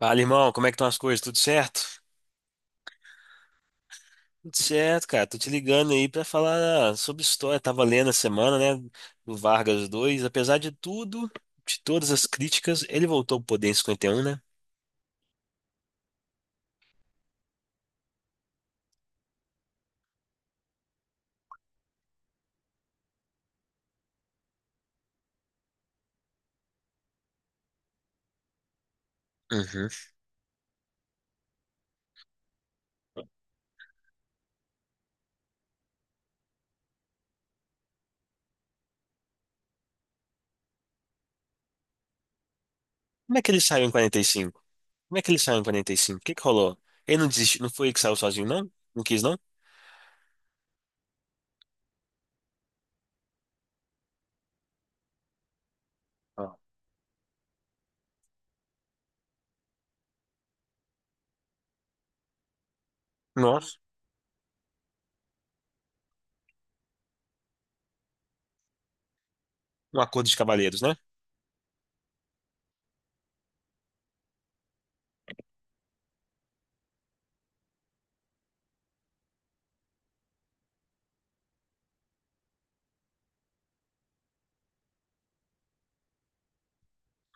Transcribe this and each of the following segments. Fala, irmão, como é que estão as coisas? Tudo certo? Tudo certo, cara. Tô te ligando aí pra falar sobre história. Tava lendo a semana, né, do Vargas dois. Apesar de tudo, de todas as críticas, ele voltou pro poder em 51, né? Uhum. Como é que ele saiu em quarenta e cinco? Como é que ele saiu em 45? O que que rolou? Ele não desistiu, não foi ele que saiu sozinho, não? Não quis, não? Ah. Nossa, um acordo de cavalheiros, né?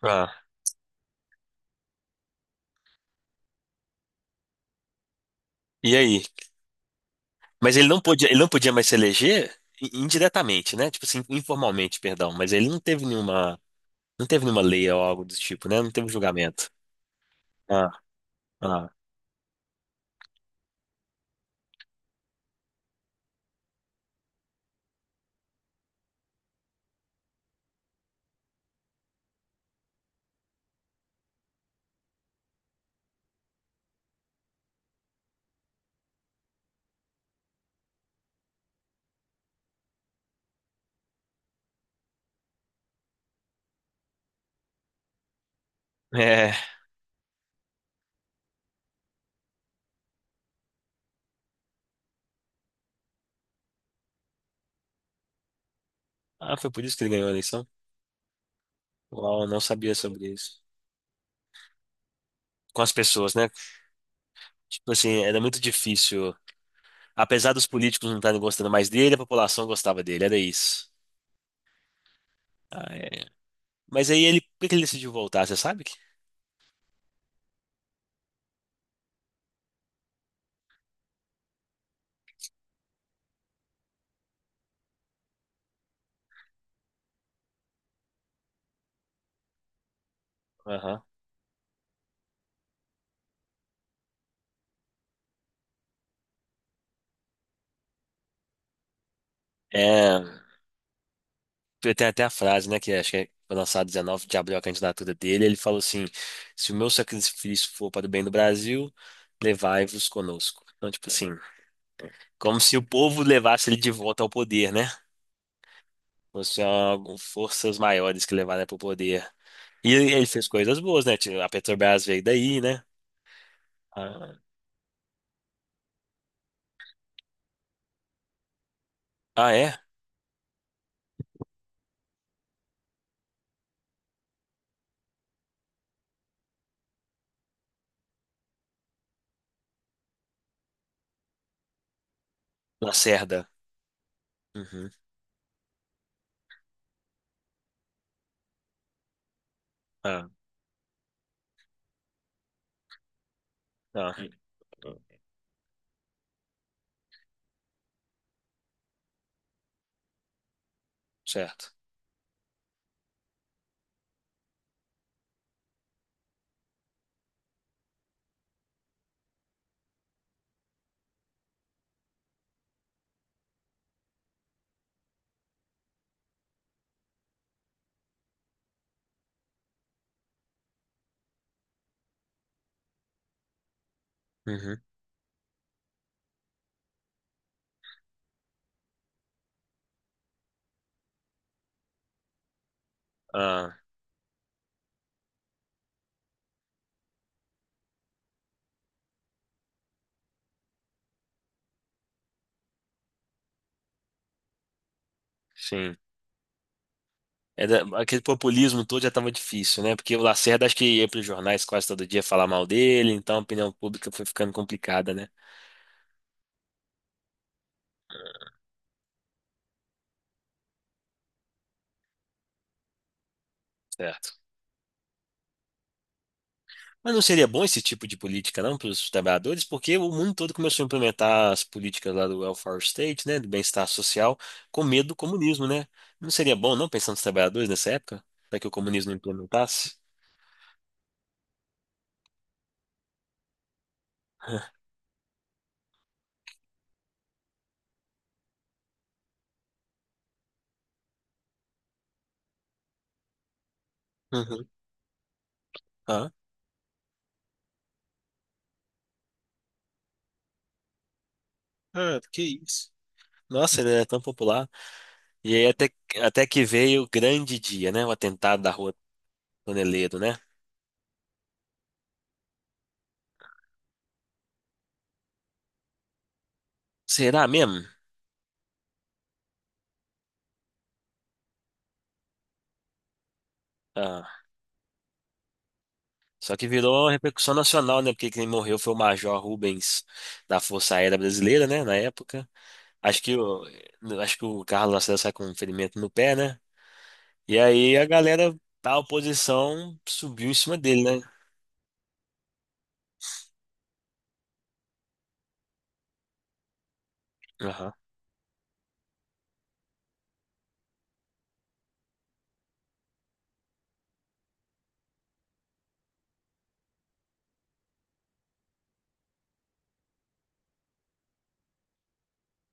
Ah, e aí? Mas ele não podia mais se eleger indiretamente, né? Tipo assim, informalmente, perdão. Mas ele não teve nenhuma. Não teve nenhuma lei ou algo do tipo, né? Não teve julgamento. Ah, ah. É. Ah, foi por isso que ele ganhou a eleição? Uau, eu não sabia sobre isso. Com as pessoas, né? Tipo assim, era muito difícil. Apesar dos políticos não estarem gostando mais dele, a população gostava dele, era isso. Ah, é. Mas aí ele, por que que ele decidiu voltar, você sabe? Aham. É, tem até a frase, né, que acho que é, foi lançada 19 de abril a candidatura dele, ele falou assim, se o meu sacrifício for para o bem do Brasil, levai-vos conosco. Então, tipo assim, como se o povo levasse ele de volta ao poder, né? Forças maiores que levaram ele para o poder. E ele fez coisas boas, né? Tipo, a Petrobras veio daí, né? Ah, ah, é? Lacerda. Uhum. Ah, ah, certo. Uhum. Ah, sim. Aquele populismo todo já estava difícil, né? Porque o Lacerda acho que ia para os jornais quase todo dia falar mal dele, então a opinião pública foi ficando complicada, né? Certo. Mas não seria bom esse tipo de política, não, para os trabalhadores? Porque o mundo todo começou a implementar as políticas lá do welfare state, né, do bem-estar social, com medo do comunismo, né? Não seria bom, não, pensando nos trabalhadores nessa época, para que o comunismo não implementasse? Uhum. Ah. Nossa, ele é tão popular. E aí até, até que veio o grande dia, né? O atentado da Rua Toneleiro, né? Será mesmo? Ah, só que virou uma repercussão nacional, né? Porque quem morreu foi o Major Rubens da Força Aérea Brasileira, né? Na época. Acho que o, acho que o Carlos Lacerda sai com um ferimento no pé, né? E aí a galera da oposição subiu em cima dele, né? Aham.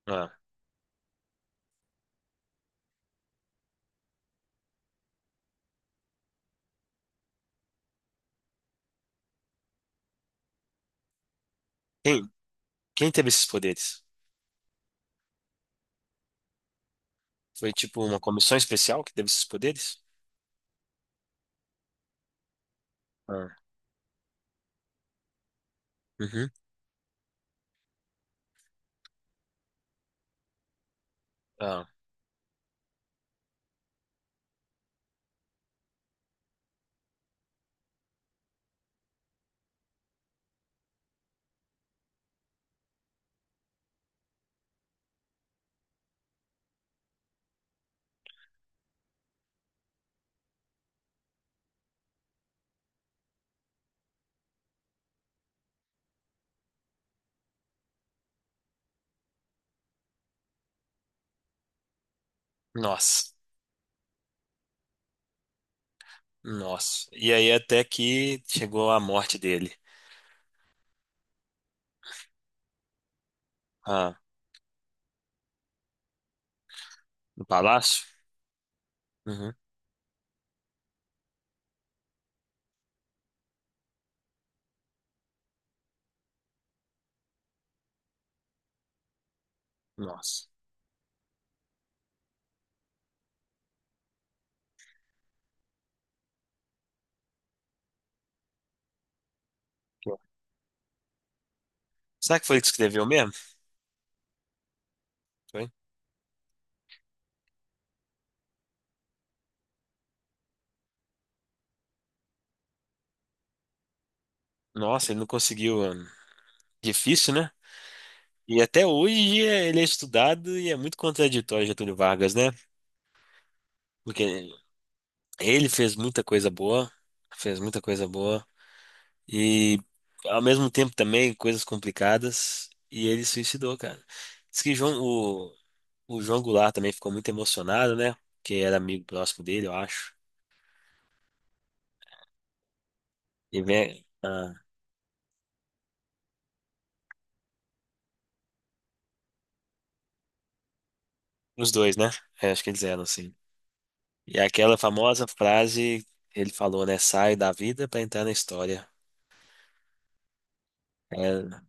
Ah. Quem, quem teve esses poderes? Foi tipo uma comissão especial que teve esses poderes? Ah. Uhum. Ah. Nossa. Nossa. E aí até que chegou a morte dele. Ah. No palácio? Uhum. Nossa. Será que foi ele que escreveu mesmo? Foi? Nossa, ele não conseguiu. Ah, difícil, né? E até hoje ele é estudado e é muito contraditório Getúlio Vargas, né? Porque ele fez muita coisa boa, fez muita coisa boa e ao mesmo tempo também coisas complicadas e ele suicidou, cara. Diz que João- o João Goulart também ficou muito emocionado, né? Que era amigo próximo dele, eu acho. E vem ah, os dois, né? É, acho que eles eram assim. E aquela famosa frase que ele falou, né? Sai da vida pra entrar na história. É,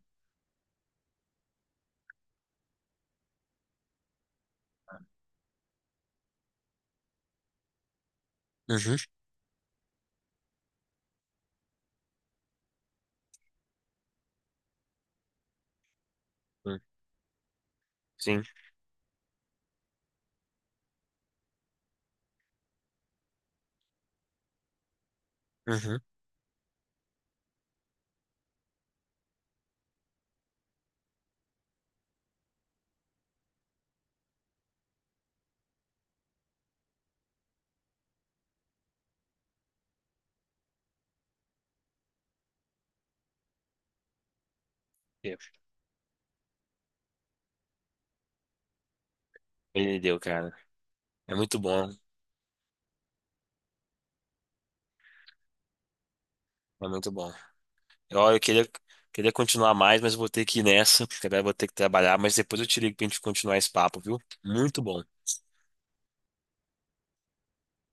uhum, sim. Uhum. Ele deu, cara. É muito bom. É muito bom. Eu queria, queria continuar mais, mas eu vou ter que ir nessa, porque agora eu vou ter que trabalhar. Mas depois eu te ligo pra gente continuar esse papo, viu? Muito bom.